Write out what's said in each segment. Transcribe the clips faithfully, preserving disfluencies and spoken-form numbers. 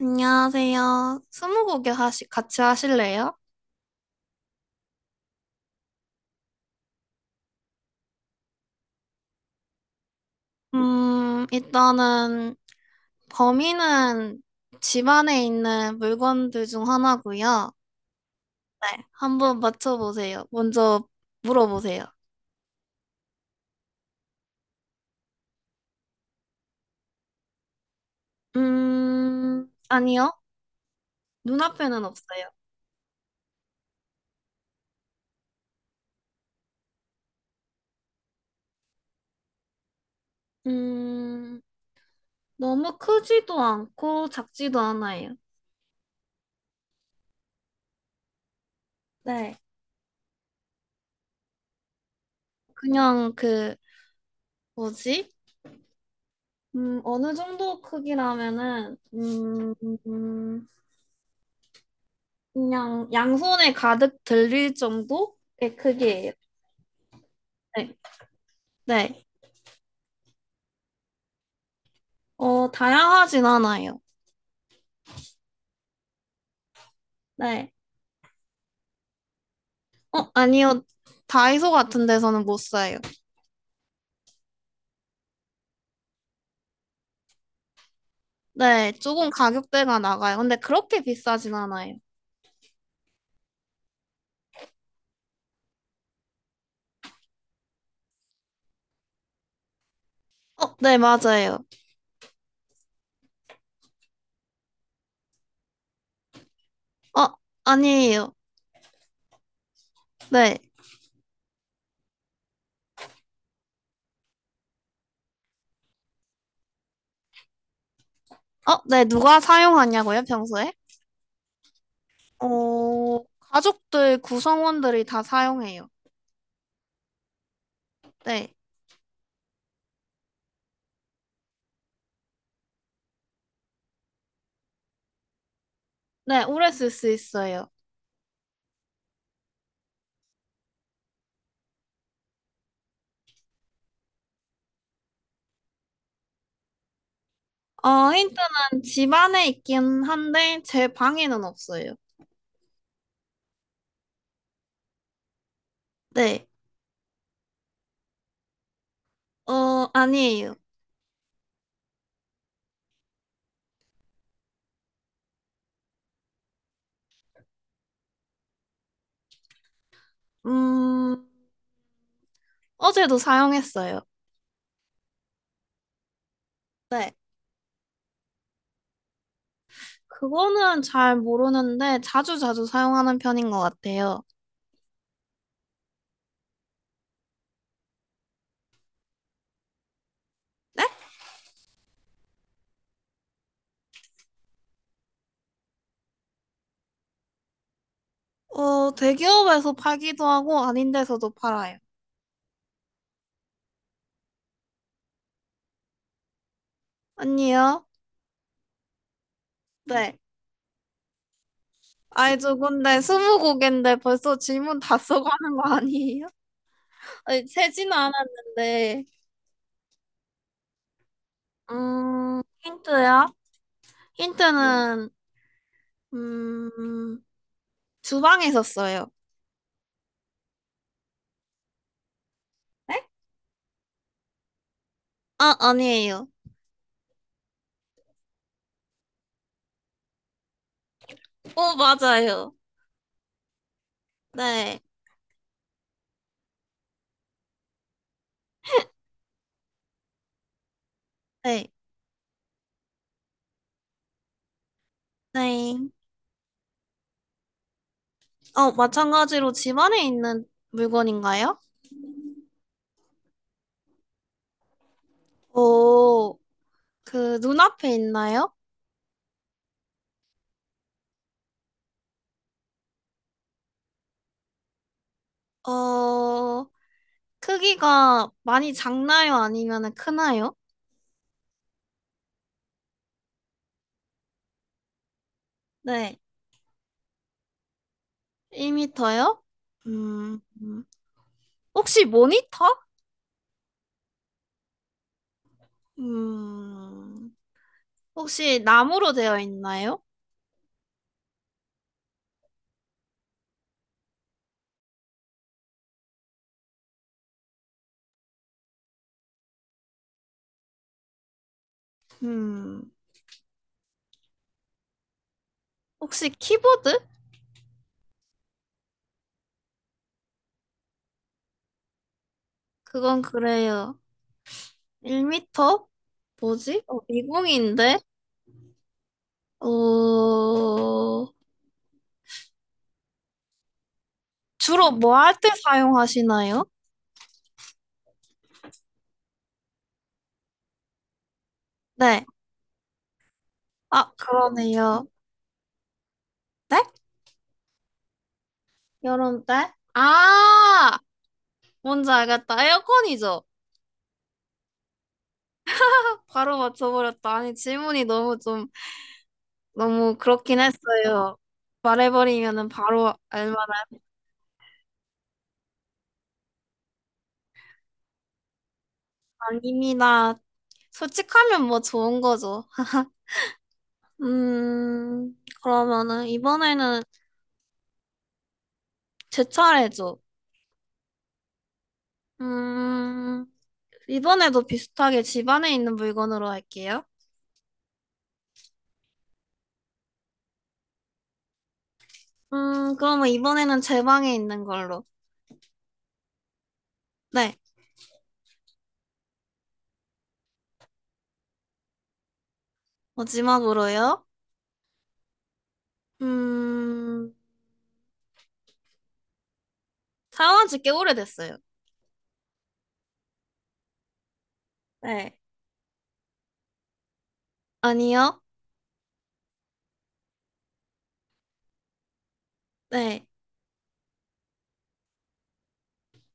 안녕하세요. 스무고개 하시, 같이 하실래요? 음, 일단은 범인은 집 안에 있는 물건들 중 하나고요. 네, 한번 맞춰보세요. 먼저 물어보세요. 음, 아니요. 눈앞에는 없어요. 음, 너무 크지도 않고 작지도 않아요. 네, 그냥 그, 뭐지? 음, 어느 정도 크기라면은, 음, 그냥 양손에 가득 들릴 정도의 크기예요. 네. 네. 어, 다양하진 않아요. 네. 어, 아니요. 다이소 같은 데서는 못 사요. 네. 조금 가격대가 나가요. 근데 그렇게 비싸진 않아요. 어, 네, 맞아요. 어, 아니에요. 네. 어, 네. 누가 사용하냐고요, 평소에? 어, 가족들, 구성원들이 다 사용해요. 네. 네, 오래 쓸 수 있어요. 어, 힌트는 집 안에 있긴 한데, 제 방에는 없어요. 네. 어, 아니에요. 음, 어제도 사용했어요. 네. 그거는 잘 모르는데, 자주 자주 사용하는 편인 것 같아요. 네? 어, 대기업에서 팔기도 하고, 아닌 데서도 팔아요. 아니요. 네. 아이저 근데 스무 곡인데 벌써 질문 다 써고 하는 거 아니에요? 아니, 세지는 않았는데. 음, 힌트요? 힌트는, 음, 주방에서 써요. 네? 아, 아니에요. 어, 맞아요. 네. 네. 네. 어, 마찬가지로 집안에 있는 물건인가요? 어, 그 눈앞에 있나요? 어, 크기가 많이 작나요? 아니면 크나요? 네. 일 미터요? 음, 음. 혹시 모니터? 음, 혹시 나무로 되어 있나요? 음, 혹시 키보드? 그건 그래요. 일 미터? 뭐지? 어, 미궁인데? 어, 주로 뭐 할 때 사용하시나요? 네. 아, 그러네요. 네? 여름 때? 아! 뭔지 알겠다. 에어컨이죠? 바로 맞춰버렸다. 아니, 질문이 너무 좀, 너무 그렇긴 했어요. 말해버리면은 바로 알만한. 아닙니다. 솔직하면 뭐 좋은 거죠. 음, 그러면은 이번에는 제 차례죠. 음, 이번에도 비슷하게 집 안에 있는 물건으로 할게요. 음, 그러면 이번에는 제 방에 있는 걸로. 네, 마지막으로요. 음, 사용한 지 꽤 오래됐어요. 네. 아니요. 네.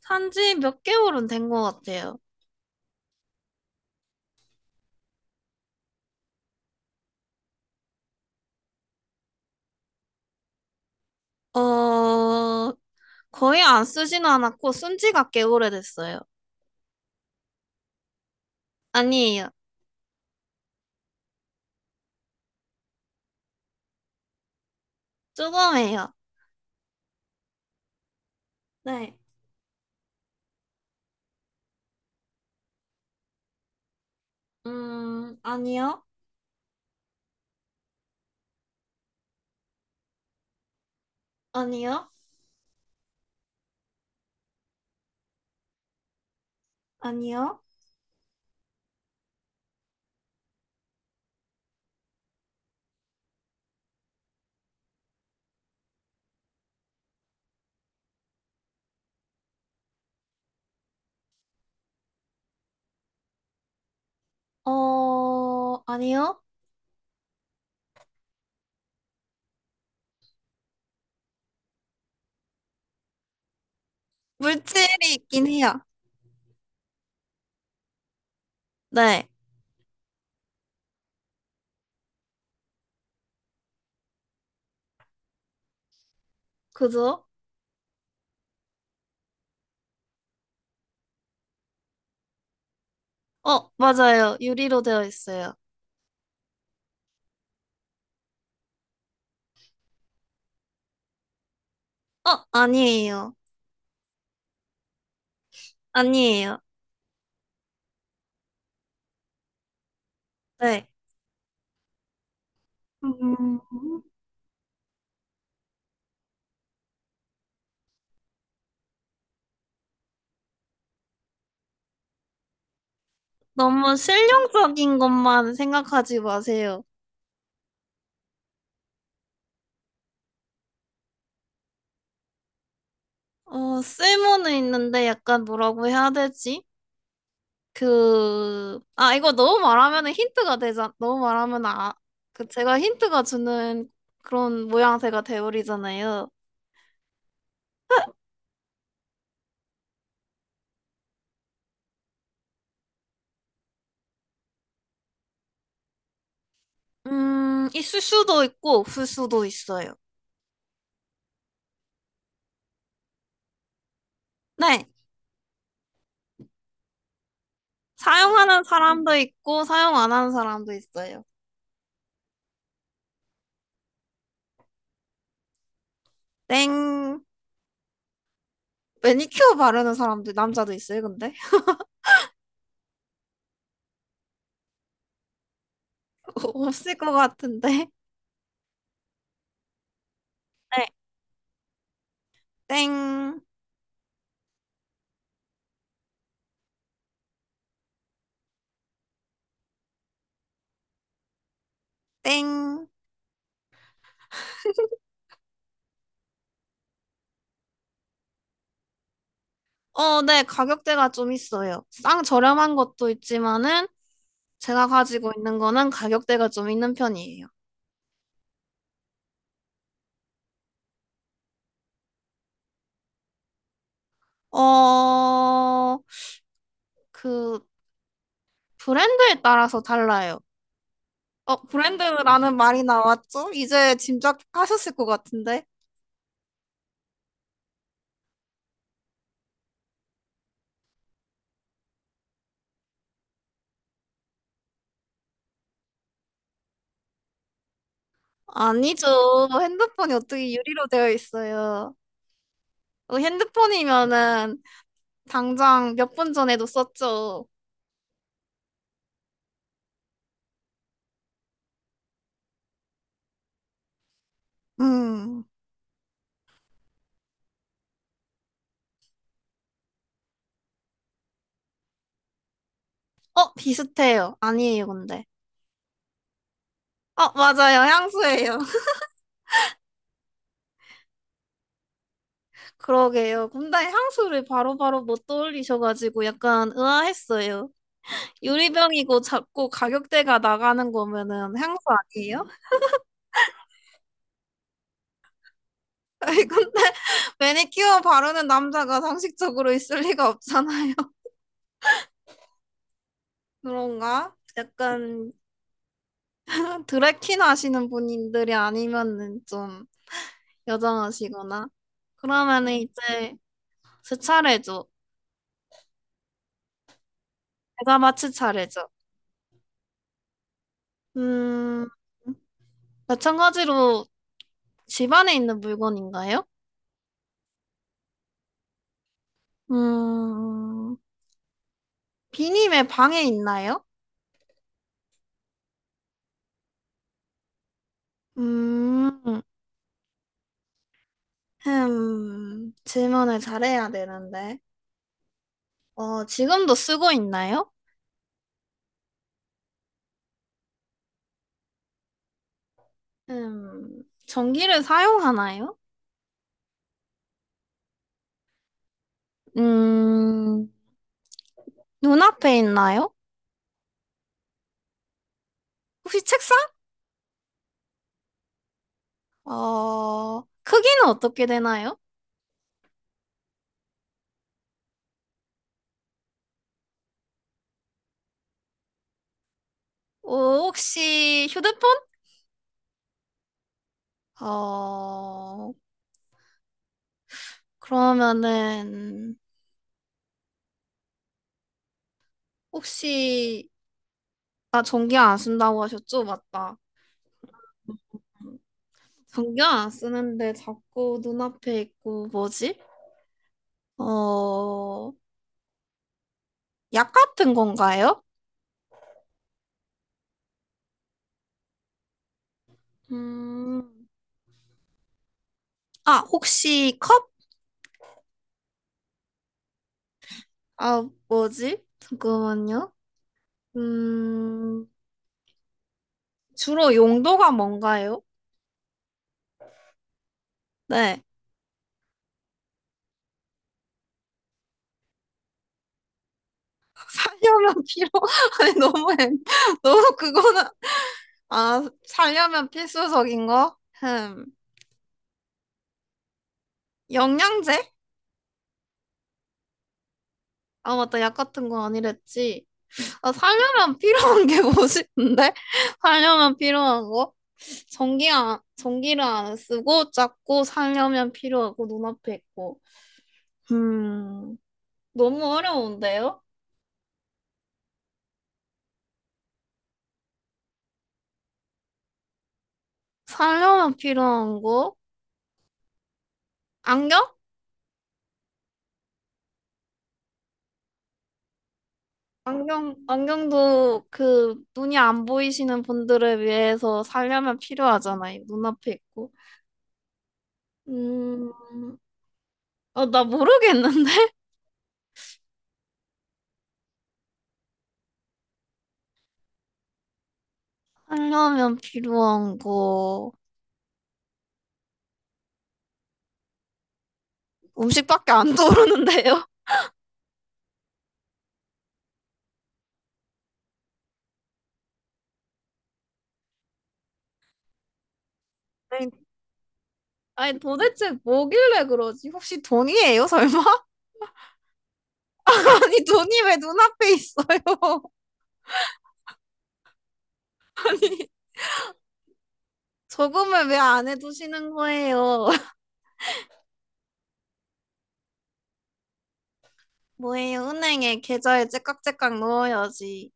산 지 몇 개월은 된 것 같아요. 어, 거의 안 쓰지는 않았고, 쓴 지가 꽤 오래됐어요. 아니에요. 조금해요. 네. 음, 아니요. 아니요. 아니요. 어, 아니요. 물질이 있긴 해요. 네, 그죠? 어, 맞아요. 유리로 되어 있어요. 어, 아니에요. 아니에요. 네. 음, 너무 실용적인 것만 생각하지 마세요. 어, 쓸모는 있는데 약간 뭐라고 해야 되지? 그, 아, 이거 너무 말하면 힌트가 되잖아. 너무 말하면 아, 그 제가 힌트가 주는 그런 모양새가 되어버리잖아요. 음, 있을 수도 있고, 없을 수도 있어요. 네. 사용하는 사람도 있고 사용 안 하는 사람도 있어요. 땡. 매니큐어 바르는 사람도 남자도 있어요, 근데? 없을 것 같은데. 네. 땡. 땡. 어, 네. 가격대가 좀 있어요. 쌍 저렴한 것도 있지만은 제가 가지고 있는 거는 가격대가 좀 있는 편이에요. 어, 그 브랜드에 따라서 달라요. 어, 브랜드라는 말이 나왔죠? 이제 짐작하셨을 것 같은데. 아니죠. 핸드폰이 어떻게 유리로 되어 있어요. 어, 핸드폰이면은 당장 몇 분 전에도 썼죠. 음. 어, 비슷해요. 아니에요, 근데. 어, 맞아요. 향수예요. 그러게요. 근데 향수를 바로바로 못 떠올리셔가지고 약간 의아했어요. 유리병이고 작고 가격대가 나가는 거면은 향수 아니에요? 이건 매니큐어 바르는 남자가 상식적으로 있을 리가 없잖아요. 그런가? 약간 드래퀸 하시는 분들이 아니면은 좀 여정하시거나 그러면은 이제 제 차례죠. 제가 마칠 차례죠. 음, 마찬가지로 집 안에 있는 물건인가요? 음, 비님의 방에 있나요? 음, 흠, 질문을 잘해야 되는데. 어, 지금도 쓰고 있나요? 음, 전기를 사용하나요? 음, 눈앞에 있나요? 혹시 책상 어, 크기는 어떻게 되나요? 어, 혹시 휴대폰? 어, 그러면은, 혹시, 아, 전기 안 쓴다고 하셨죠? 맞다. 전기 안 쓰는데 자꾸 눈앞에 있고, 뭐지? 어, 약 같은 건가요? 음, 아, 혹시 컵? 아, 뭐지? 잠깐만요. 음, 주로 용도가 뭔가요? 네. 살려면 필요 아니 너무 애- 너무 그거는 아 살려면 필수적인 거? 흠 영양제? 아 맞다 약 같은 거 아니랬지 아 살려면 필요한 게 뭐지 근데 살려면 필요한 거? 전기 안, 전기를 안 쓰고 작고 살려면 필요하고 눈앞에 있고 음 너무 어려운데요? 살려면 필요한 거? 안경? 안경, 안경도 그 눈이 안 보이시는 분들을 위해서 살려면 필요하잖아요. 눈앞에 있고. 음, 어, 나 모르겠는데? 살려면 필요한 거. 음식밖에 안 떠오르는데요? 아니, 아니, 도대체 뭐길래 그러지? 혹시 돈이에요, 설마? 아니, 돈이 왜 눈앞에 있어요? 아니, 저금을 왜 안 해두시는 거예요? 뭐예요? 은행에 계좌에 째깍째깍 넣어야지.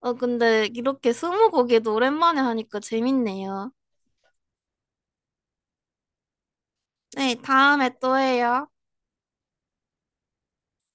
어, 근데 이렇게 스무고개도 오랜만에 하니까 재밌네요. 네, 다음에 또 해요.